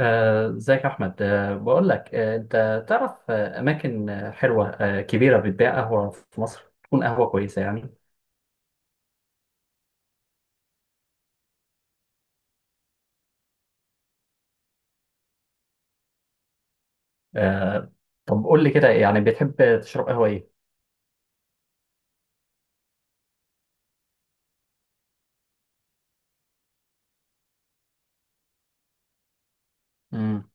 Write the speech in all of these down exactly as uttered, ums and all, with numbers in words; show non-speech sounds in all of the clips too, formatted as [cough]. آه، ازيك يا احمد، آه، بقول لك، آه، انت تعرف آه، اماكن آه، حلوه آه، كبيره بتبيع قهوه في مصر تكون قهوه كويسه يعني. آه، طب قول لي كده، يعني بتحب تشرب قهوه ايه؟ امم.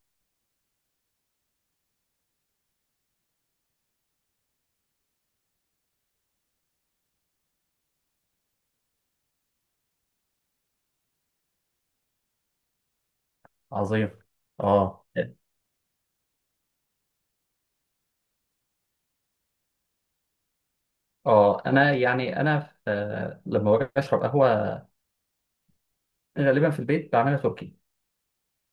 عظيم. اه، اه. انا، يعني انا في آه، لما باجي اشرب قهوه غالبا في البيت بعملها تركي.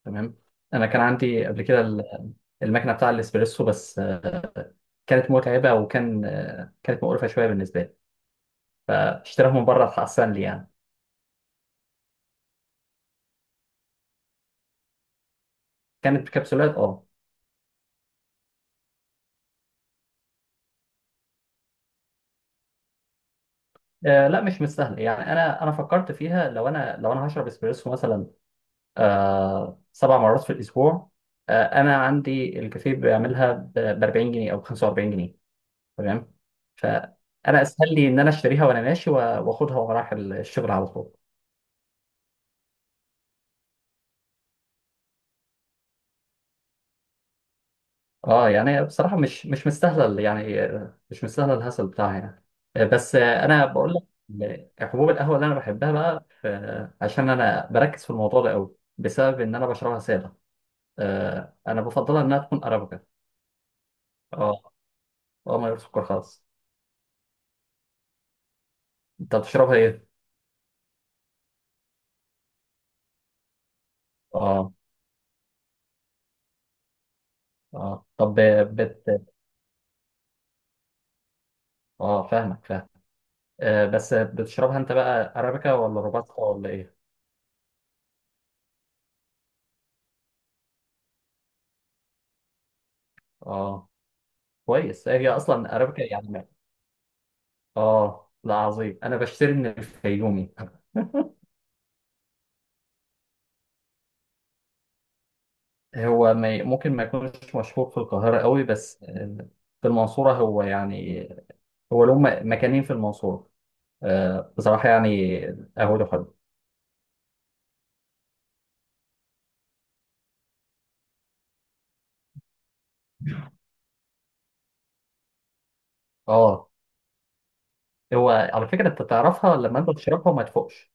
تمام. انا كان عندي قبل كده ال- المكنه بتاع الاسبريسو، بس آه، كانت متعبه، وكان آه، كانت مقرفه شويه بالنسبه لي، فاشتراها من بره احسن لي يعني. كانت بكبسولات، اه. آه لا، مش مستاهله، يعني انا انا فكرت فيها، لو انا لو انا هشرب اسبريسو مثلا آه سبع مرات في الاسبوع. آه انا عندي الكافيه بيعملها ب أربعين جنيه او ب خمسة وأربعين جنيه. تمام. فانا اسهل لي ان انا اشتريها وانا ماشي و- واخدها وانا رايح الشغل على طول. اه، يعني بصراحه مش مش مستاهله، ال- يعني آه، مش مستاهله الهسل بتاعها يعني. آه بس آه انا بقول لك، ال- حبوب القهوه اللي انا بحبها بقى آه عشان انا بركز في الموضوع ده قوي بسبب ان انا بشربها ساده. آه انا بفضلها انها تكون ارابيكا. اه. اه، ما سكر خالص. انت بتشربها ايه؟ اه، اه. طب، بت اه فاهمك، فاهم. آه بس بتشربها انت بقى ارابيكا ولا روباستا ولا ايه؟ اه، كويس، هي اصلا ارابيكا يعني. اه، لا، عظيم. انا بشتري من الفيومي [laughs] هو ما ي- ممكن ما يكونش مشهور في القاهرة قوي، بس آه، في المنصورة هو، يعني هو له م- مكانين في المنصورة. آه، بصراحة يعني قهوته حلو. اه. هو على فكرة انت تعرفها لما انت تشربها وما تفوقش.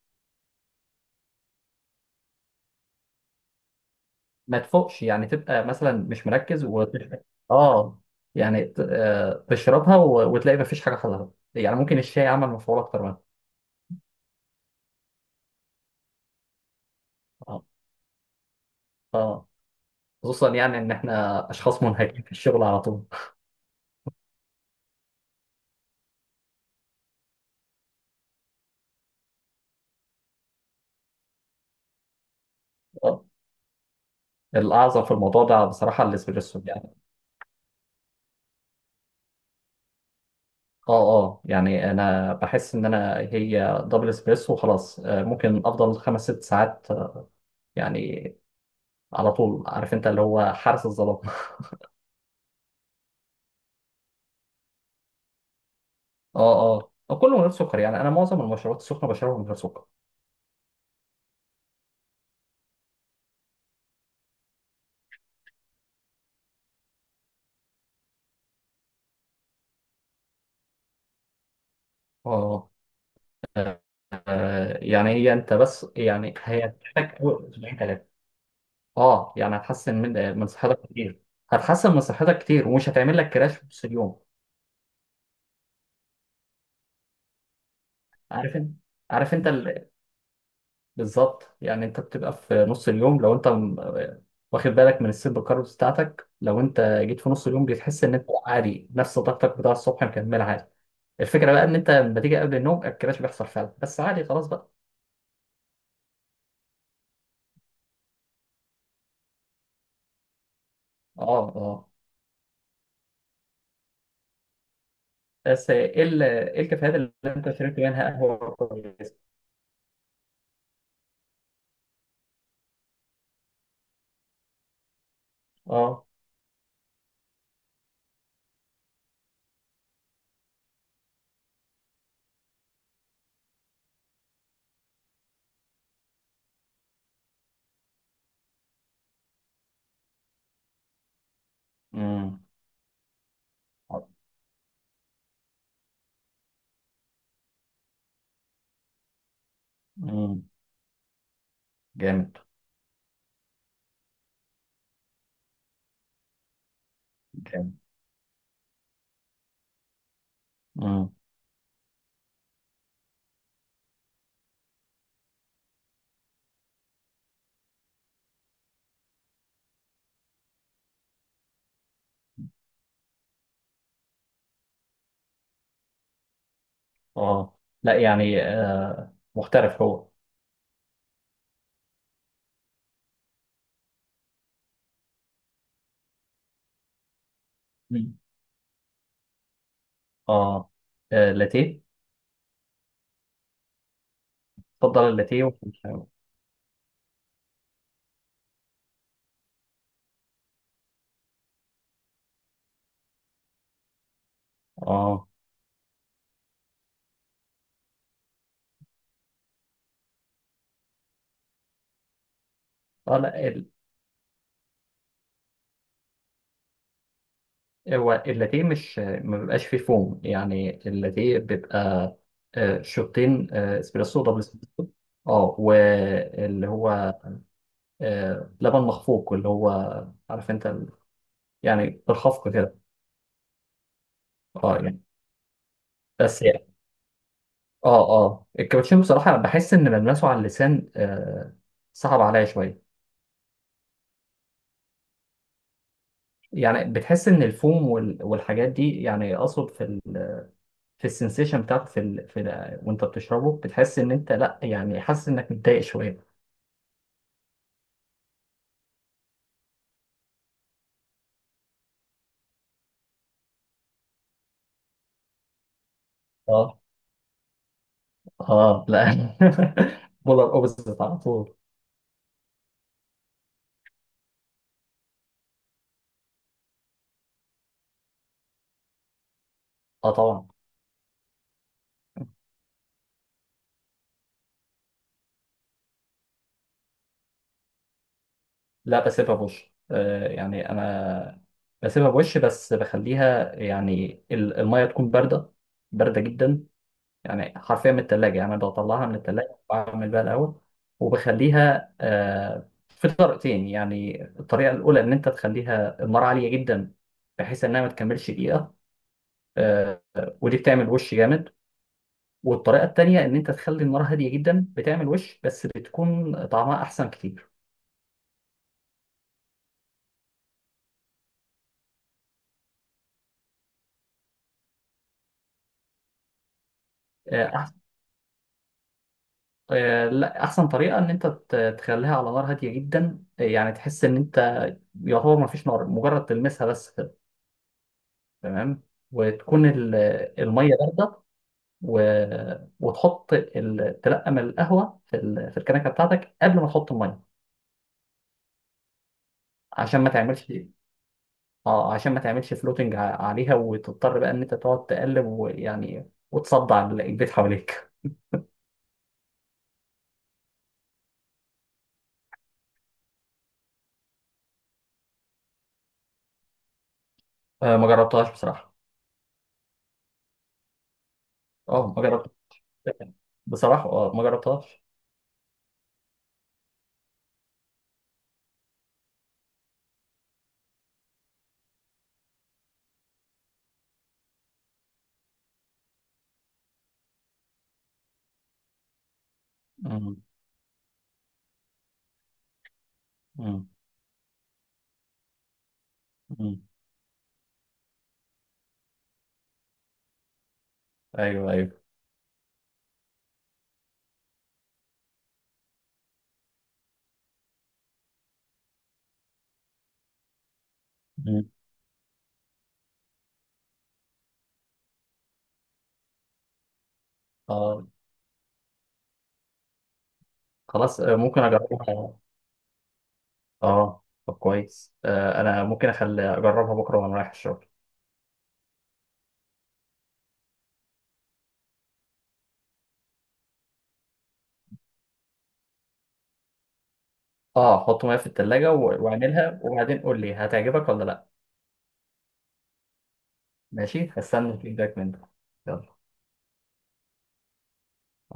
ما تفوقش، يعني تبقى مثلا مش مركز وتشرب. اه، يعني ت- آه، تشربها و- وتلاقي ما فيش حاجة حصلت، يعني ممكن الشاي عمل مفعول اكتر منها. اه. اه. خصوصا يعني ان احنا اشخاص منهكين في الشغل على طول. اه. الاعظم في الموضوع ده بصراحة الاسبريسو يعني. اه. اه، يعني انا بحس ان انا، هي دبل اسبريسو خلاص، آه، ممكن افضل خمس ست ساعات، آه، يعني على طول، عارف انت، اللي هو حارس الظلام. اه. اه، آه، كله من غير سكر، يعني انا معظم المشروبات السخنه بشربها من غير سكر. اه. آه، يعني هي انت بس، يعني هي تحتاج أول اسبوعين ثلاثه. اه، يعني هتحسن من من صحتك كتير، هتحسن من صحتك كتير ومش هتعمل لك كراش في نص اليوم. عارف انت عارف انت ال- بالظبط، يعني انت بتبقى في نص اليوم لو انت م- آه، واخد بالك من السيرب كاربس بتاعتك، لو انت جيت في نص اليوم بتحس ان انت عادي، نفس طاقتك بتاع الصبح مكمل عادي. الفكره بقى ان انت لما تيجي قبل النوم الكراش بيحصل فعلا، بس عادي خلاص بقى. اه، اه. بس ايه ال- إيه الكافيهات اللي انت شربت منها قهوة كويسة؟ اه. امم. امم. جامد. جامد. امم. اه، لا يعني آه محترف هو. مم. اه، آه، لاتيه. اتفضل، اللاتيه و- اه، اه، لا، ال- هو اللاتيه مش ما بيبقاش فيه فوم، يعني اللاتيه بيبقى آه، شوطين، آه، اسبريسو دبل اسبريسو. اه، واللي هو آه، لبن مخفوق، اللي هو، عارف انت، يعني بالخفق كده. اه يعني. بس يعني. اه، اه. الكابتشينو بصراحة بحس ان ملمسه على اللسان آه صعب عليا شوية. يعني بتحس ان الفوم وال- والحاجات دي، يعني اقصد في ال... في السنسيشن بتاعته، في ال... في ال... وانت بتشربه بتحس ان انت، لا يعني حاسس انك متضايق شوية. اه. اه، لا [laughs] بولر اوبزيت على طول. اه طبعا. لا، بسيبها بوش، آه يعني انا بسيبها بوش، بس بخليها، يعني ال- المية تكون باردة، باردة جدا. يعني حرفيا من التلاجة، يعني أنا بطلعها من التلاجة وبعمل بيها الأول، وبخليها آه، في طريقتين. يعني الطريقة الأولى إن أنت تخليها النار عالية جدا بحيث إنها ما تكملش دقيقة، آه، ودي بتعمل وش جامد. والطريقة التانية إن أنت تخلي النار هادية جدا بتعمل وش، بس بتكون طعمها أحسن كتير. آه، أح- آه، لا أحسن طريقة إن أنت ت- تخليها على نار هادية جدا، آه، يعني تحس إن أنت يعتبر ما فيش نار، مجرد تلمسها بس كده. تمام. وتكون ال- المية باردة، و... وتحط ال... تلقم القهوه في ال... في الكنكه بتاعتك قبل ما تحط الميه، عشان ما تعملش اه عشان ما تعملش فلوتنج عليها، وتضطر بقى ان انت تقعد تقلب، ويعني وتصدع ال- البيت حواليك. آه ما جربتهاش بصراحه. اه، ما جربت بصراحه، اه ما جربتهاش. مم. مم. مم. ايوه، ايوه. مم. اه. خلاص، آه، ممكن اجربها. اه، طب كويس، آه انا ممكن اخلي اجربها بكره وانا رايح الشغل. اه، حطه معايا في التلاجة و- واعملها وبعدين قول لي هتعجبك ولا لا. ماشي، هستنى الفيدباك منك. يلا.